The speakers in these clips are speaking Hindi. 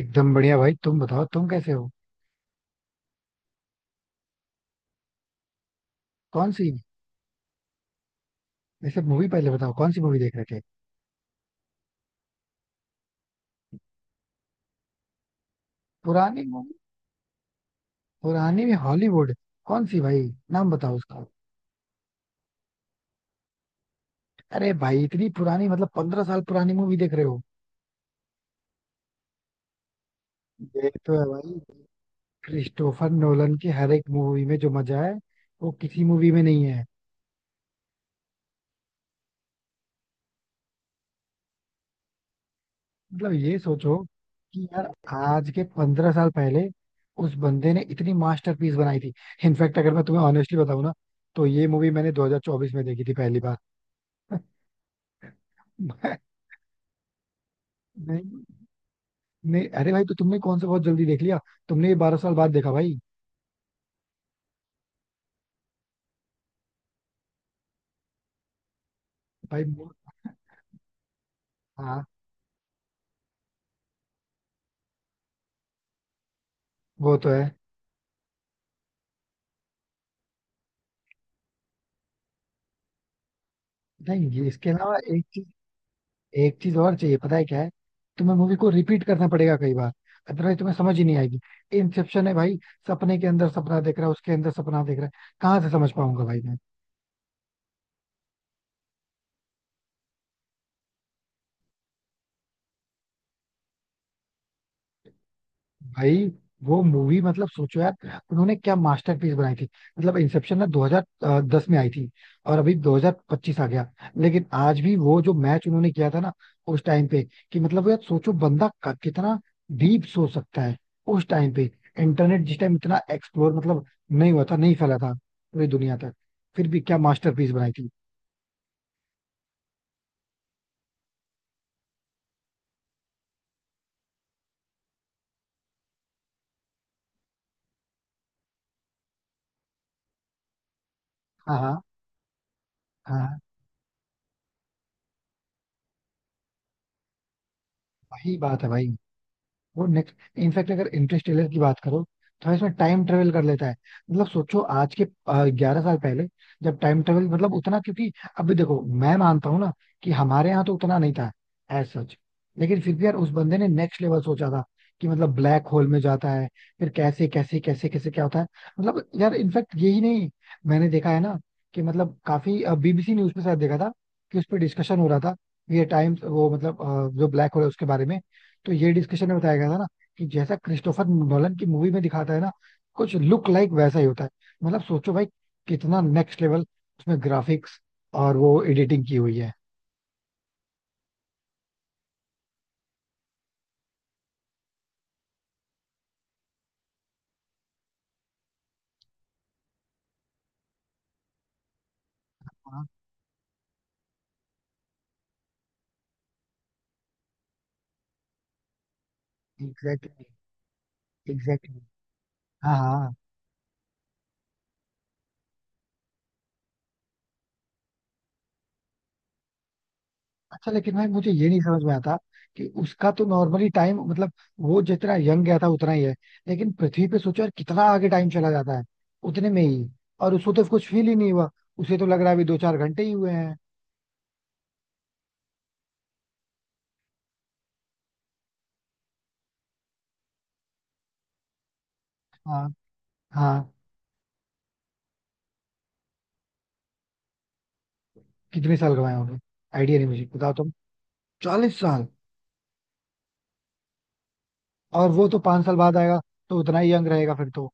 एकदम बढ़िया भाई. तुम बताओ तुम कैसे हो. कौन सी. वैसे मूवी पहले बताओ कौन सी मूवी देख रहे थे. पुरानी मूवी. पुरानी में हॉलीवुड. कौन सी भाई. नाम बताओ उसका. अरे भाई इतनी पुरानी मतलब 15 साल पुरानी मूवी देख रहे हो. ये तो है भाई. क्रिस्टोफर नोलन की हर एक मूवी में जो मजा है वो किसी मूवी में नहीं है. मतलब ये सोचो कि यार आज के 15 साल पहले उस बंदे ने इतनी मास्टरपीस बनाई थी. इनफैक्ट अगर मैं तुम्हें ऑनेस्टली बताऊं ना तो ये मूवी मैंने 2024 में देखी थी पहली बार. नहीं नहीं, अरे भाई तो तुमने कौन सा बहुत जल्दी देख लिया. तुमने ये 12 साल बाद देखा भाई. भाई. हाँ. वो तो है. नहीं, ये इसके अलावा एक चीज. एक चीज और चाहिए पता है क्या है. तुम्हें मूवी को रिपीट करना पड़ेगा कई बार. अदरवाइज तुम्हें समझ ही नहीं आएगी. इंसेप्शन है भाई. सपने के अंदर सपना देख रहा है उसके अंदर सपना देख रहा है. कहाँ से समझ पाऊंगा भाई मैं. भाई वो मूवी मतलब सोचो यार. उन्होंने क्या मास्टरपीस बनाई थी. मतलब इंसेप्शन ना 2010 में आई थी. और अभी 2025 आ गया. लेकिन आज भी वो जो मैच उन्होंने किया था ना उस टाइम पे. कि मतलब यार सोचो बंदा कितना डीप सोच सकता है उस टाइम पे. इंटरनेट जिस टाइम इतना एक्सप्लोर मतलब नहीं हुआ था नहीं फैला था पूरी दुनिया तक. फिर भी क्या मास्टरपीस बनाई थी. हाँ हाँ. हाँ हाँ. वही बात है भाई. वो नेक्स्ट. इनफैक्ट अगर इंटरस्टेलर की बात करो तो इसमें टाइम ट्रेवल कर लेता है. मतलब सोचो आज के 11 साल पहले. जब टाइम ट्रेवल मतलब उतना क्योंकि. अभी देखो मैं मानता हूँ ना कि हमारे यहाँ तो उतना नहीं था एज सच. लेकिन फिर भी यार उस बंदे ने नेक्स्ट लेवल सोचा था. कि मतलब ब्लैक होल में जाता है. फिर कैसे कैसे कैसे कैसे क्या होता है. मतलब यार इनफैक्ट यही नहीं. मैंने देखा है ना कि मतलब काफी बीबीसी न्यूज पे शायद देखा था कि उस पर डिस्कशन हो रहा था. ये टाइम वो मतलब जो ब्लैक होल है उसके बारे में. तो ये डिस्कशन में बताया गया था ना कि जैसा क्रिस्टोफर नोलन की मूवी में दिखाता है ना कुछ लुक लाइक वैसा ही होता है. मतलब सोचो भाई. कितना नेक्स्ट लेवल. उसमें ग्राफिक्स और वो एडिटिंग की हुई है. हाँ. एग्जैक्टली. एग्जैक्टली. हाँ हाँ. अच्छा लेकिन भाई मुझे ये नहीं समझ में आता कि उसका तो नॉर्मली टाइम मतलब वो जितना यंग गया था उतना ही है. लेकिन पृथ्वी पे सोचो यार कितना आगे टाइम चला जाता है उतने में ही. और उसको तो कुछ फील ही नहीं हुआ. उसे तो लग रहा है अभी दो चार घंटे ही हुए हैं. हाँ हाँ. कितने साल कमाए होंगे. आइडिया नहीं मुझे बताओ तुम. 40 साल. और वो तो 5 साल बाद आएगा. तो उतना ही यंग रहेगा फिर तो.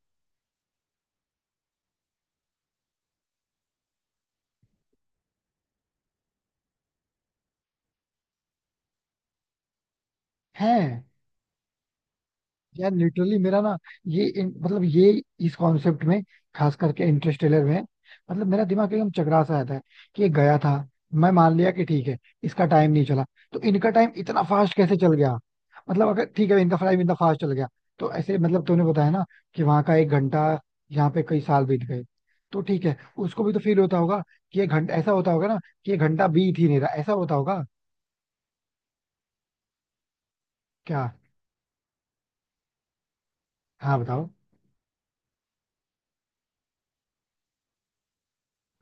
है. यार लिटरली मेरा ना ये मतलब ये इस कॉन्सेप्ट में. खास करके इंटरस्टेलर में. मतलब मेरा दिमाग एकदम चकरा सा आता है कि ये गया था. मैं मान लिया कि ठीक है इसका टाइम नहीं चला. तो इनका टाइम इतना फास्ट कैसे चल गया. मतलब अगर ठीक है इनका टाइम इतना फास्ट चल गया तो ऐसे मतलब तूने बताया ना कि वहां का 1 घंटा यहाँ पे कई साल बीत गए. तो ठीक है. उसको भी तो फील होता होगा कि ये घंटा ऐसा होता होगा ना कि ये घंटा बीत ही नहीं रहा ऐसा होता होगा. क्या. हाँ, बताओ.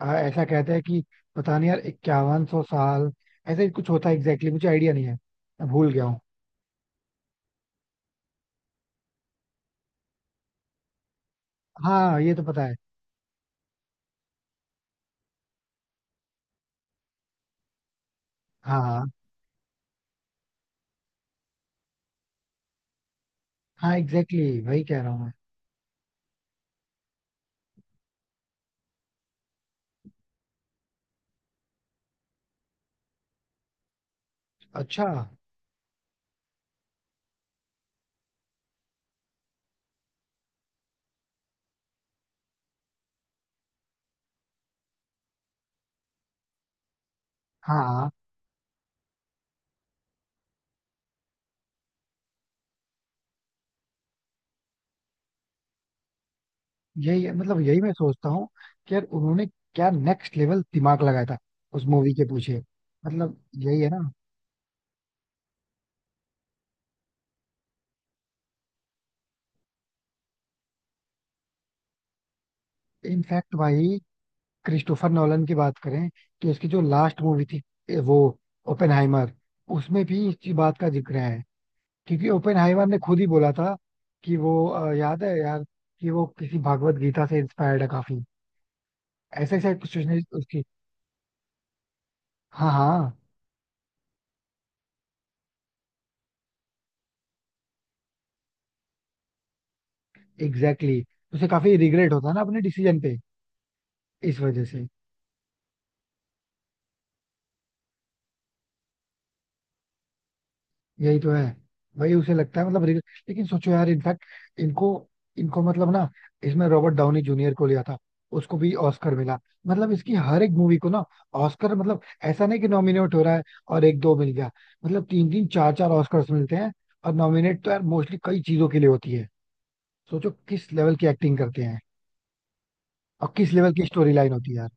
ऐसा कहते हैं कि पता नहीं यार 5100 साल ऐसा ही कुछ होता है एग्जैक्टली exactly, मुझे आइडिया नहीं है. मैं भूल गया हूँ. हाँ ये तो पता है. हाँ हाँ एग्जैक्टली exactly, वही कह रहा हूँ मैं. अच्छा. हाँ. यही मतलब यही मैं सोचता हूँ कि यार उन्होंने क्या नेक्स्ट लेवल दिमाग लगाया था उस मूवी के पीछे. मतलब. यही है ना. इनफैक्ट भाई क्रिस्टोफर नॉलन की बात करें तो इसकी जो लास्ट मूवी थी वो ओपेनहाइमर उसमें भी इसी बात का जिक्र है. क्योंकि ओपेनहाइमर ने खुद ही बोला था कि वो याद है यार कि वो किसी भागवत गीता से इंस्पायर्ड है काफी. ऐसे ऐसे कुछ उसने उसकी. हाँ हाँ. Exactly exactly. उसे काफी रिग्रेट होता है ना अपने डिसीजन पे इस वजह से. यही तो है भाई. उसे लगता है मतलब. लेकिन सोचो यार इनफैक्ट इनको इनको मतलब ना इसमें रॉबर्ट डाउनी जूनियर को लिया था उसको भी ऑस्कर मिला. मतलब इसकी हर एक मूवी को ना ऑस्कर मतलब ऐसा नहीं कि नॉमिनेट हो रहा है और एक दो मिल गया. मतलब तीन तीन चार चार ऑस्कर्स मिलते हैं. और नॉमिनेट तो यार मोस्टली कई चीजों के लिए होती है. सोचो किस लेवल की एक्टिंग करते हैं और किस लेवल की स्टोरी लाइन होती है यार.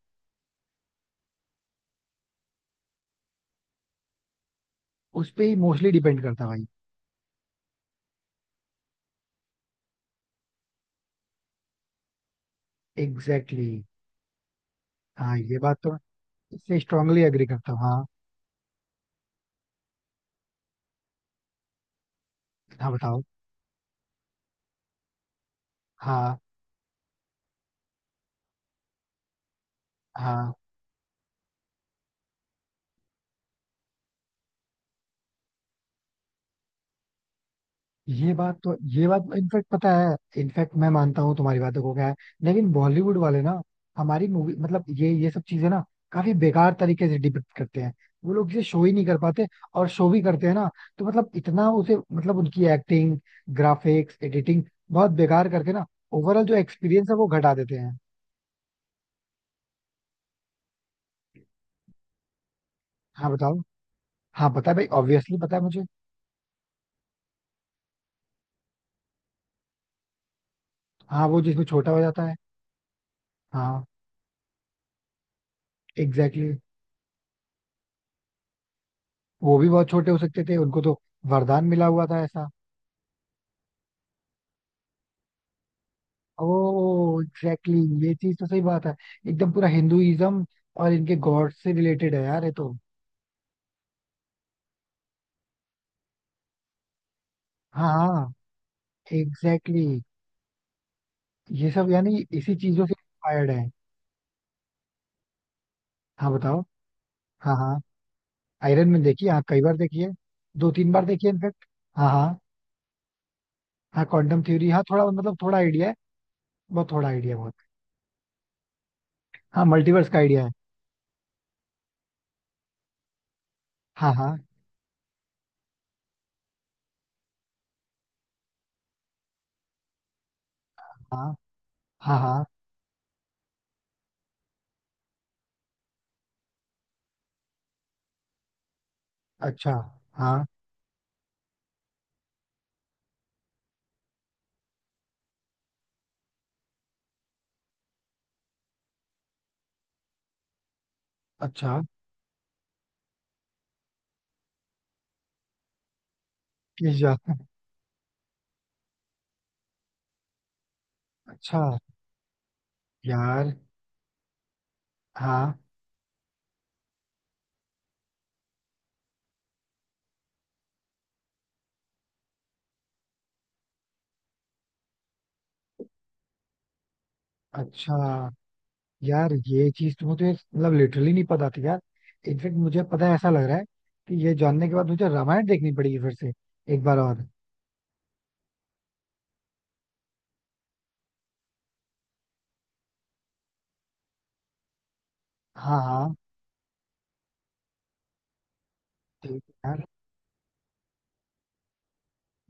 उस पे ही मोस्टली डिपेंड करता है भाई. Exactly exactly. हाँ ये बात तो मैं इससे स्ट्रांगली एग्री करता हूँ हाँ. हाँ बताओ. हाँ हाँ, ये बात तो इनफैक्ट पता है. इनफैक्ट मैं मानता हूँ तुम्हारी बातों को क्या है. लेकिन बॉलीवुड वाले ना हमारी मूवी मतलब ये सब चीजें ना काफी बेकार तरीके से डिपिक्ट करते हैं. वो लोग इसे शो ही नहीं कर पाते. और शो भी करते हैं ना तो मतलब इतना उसे मतलब उनकी एक्टिंग ग्राफिक्स एडिटिंग बहुत बेकार करके ना ओवरऑल जो एक्सपीरियंस है वो घटा देते हैं. हाँ बताओ. हाँ पता है भाई ऑब्वियसली पता है मुझे. हाँ वो जिसमें छोटा हो जाता है. हाँ एग्जैक्टली exactly. वो भी बहुत छोटे हो सकते थे उनको तो वरदान मिला हुआ था ऐसा. ओ एग्जैक्टली exactly, ये चीज तो सही बात है. एकदम पूरा हिंदुइज्म और इनके गॉड से रिलेटेड है यार ये तो. हाँ हाँ एग्जैक्टली exactly. ये सब यानी इसी चीजों से इंस्पायर्ड है. हाँ बताओ. हाँ हाँ. आयरन मैन देखिए. हाँ कई बार देखिए. दो तीन बार देखिए इनफेक्ट. हाँ हाँ. हाँ क्वांटम थ्योरी हाँ थोड़ा मतलब थोड़ा आइडिया है. बहुत थोड़ा आइडिया बहुत. हाँ मल्टीवर्स का आइडिया है. हाँ हाँ. हाँ हाँ हाँ. अच्छा. हाँ. अच्छा. किस जा. अच्छा. यार. हाँ. अच्छा यार ये चीज तो मुझे मतलब लिटरली नहीं पता थी यार. इनफेक्ट मुझे पता है ऐसा लग रहा है कि ये जानने के बाद मुझे रामायण देखनी पड़ेगी फिर से एक बार और. हाँ हाँ. ठीक है यार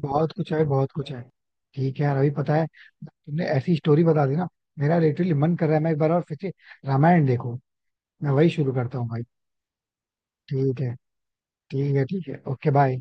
बहुत कुछ है बहुत कुछ है. ठीक है यार अभी पता है तुमने ऐसी स्टोरी बता दी ना मेरा लिटरली मन कर रहा है मैं एक बार और फिर से रामायण देखूं. मैं वही शुरू करता हूँ भाई. ठीक है. ठीक है, ठीक है, ओके, बाय.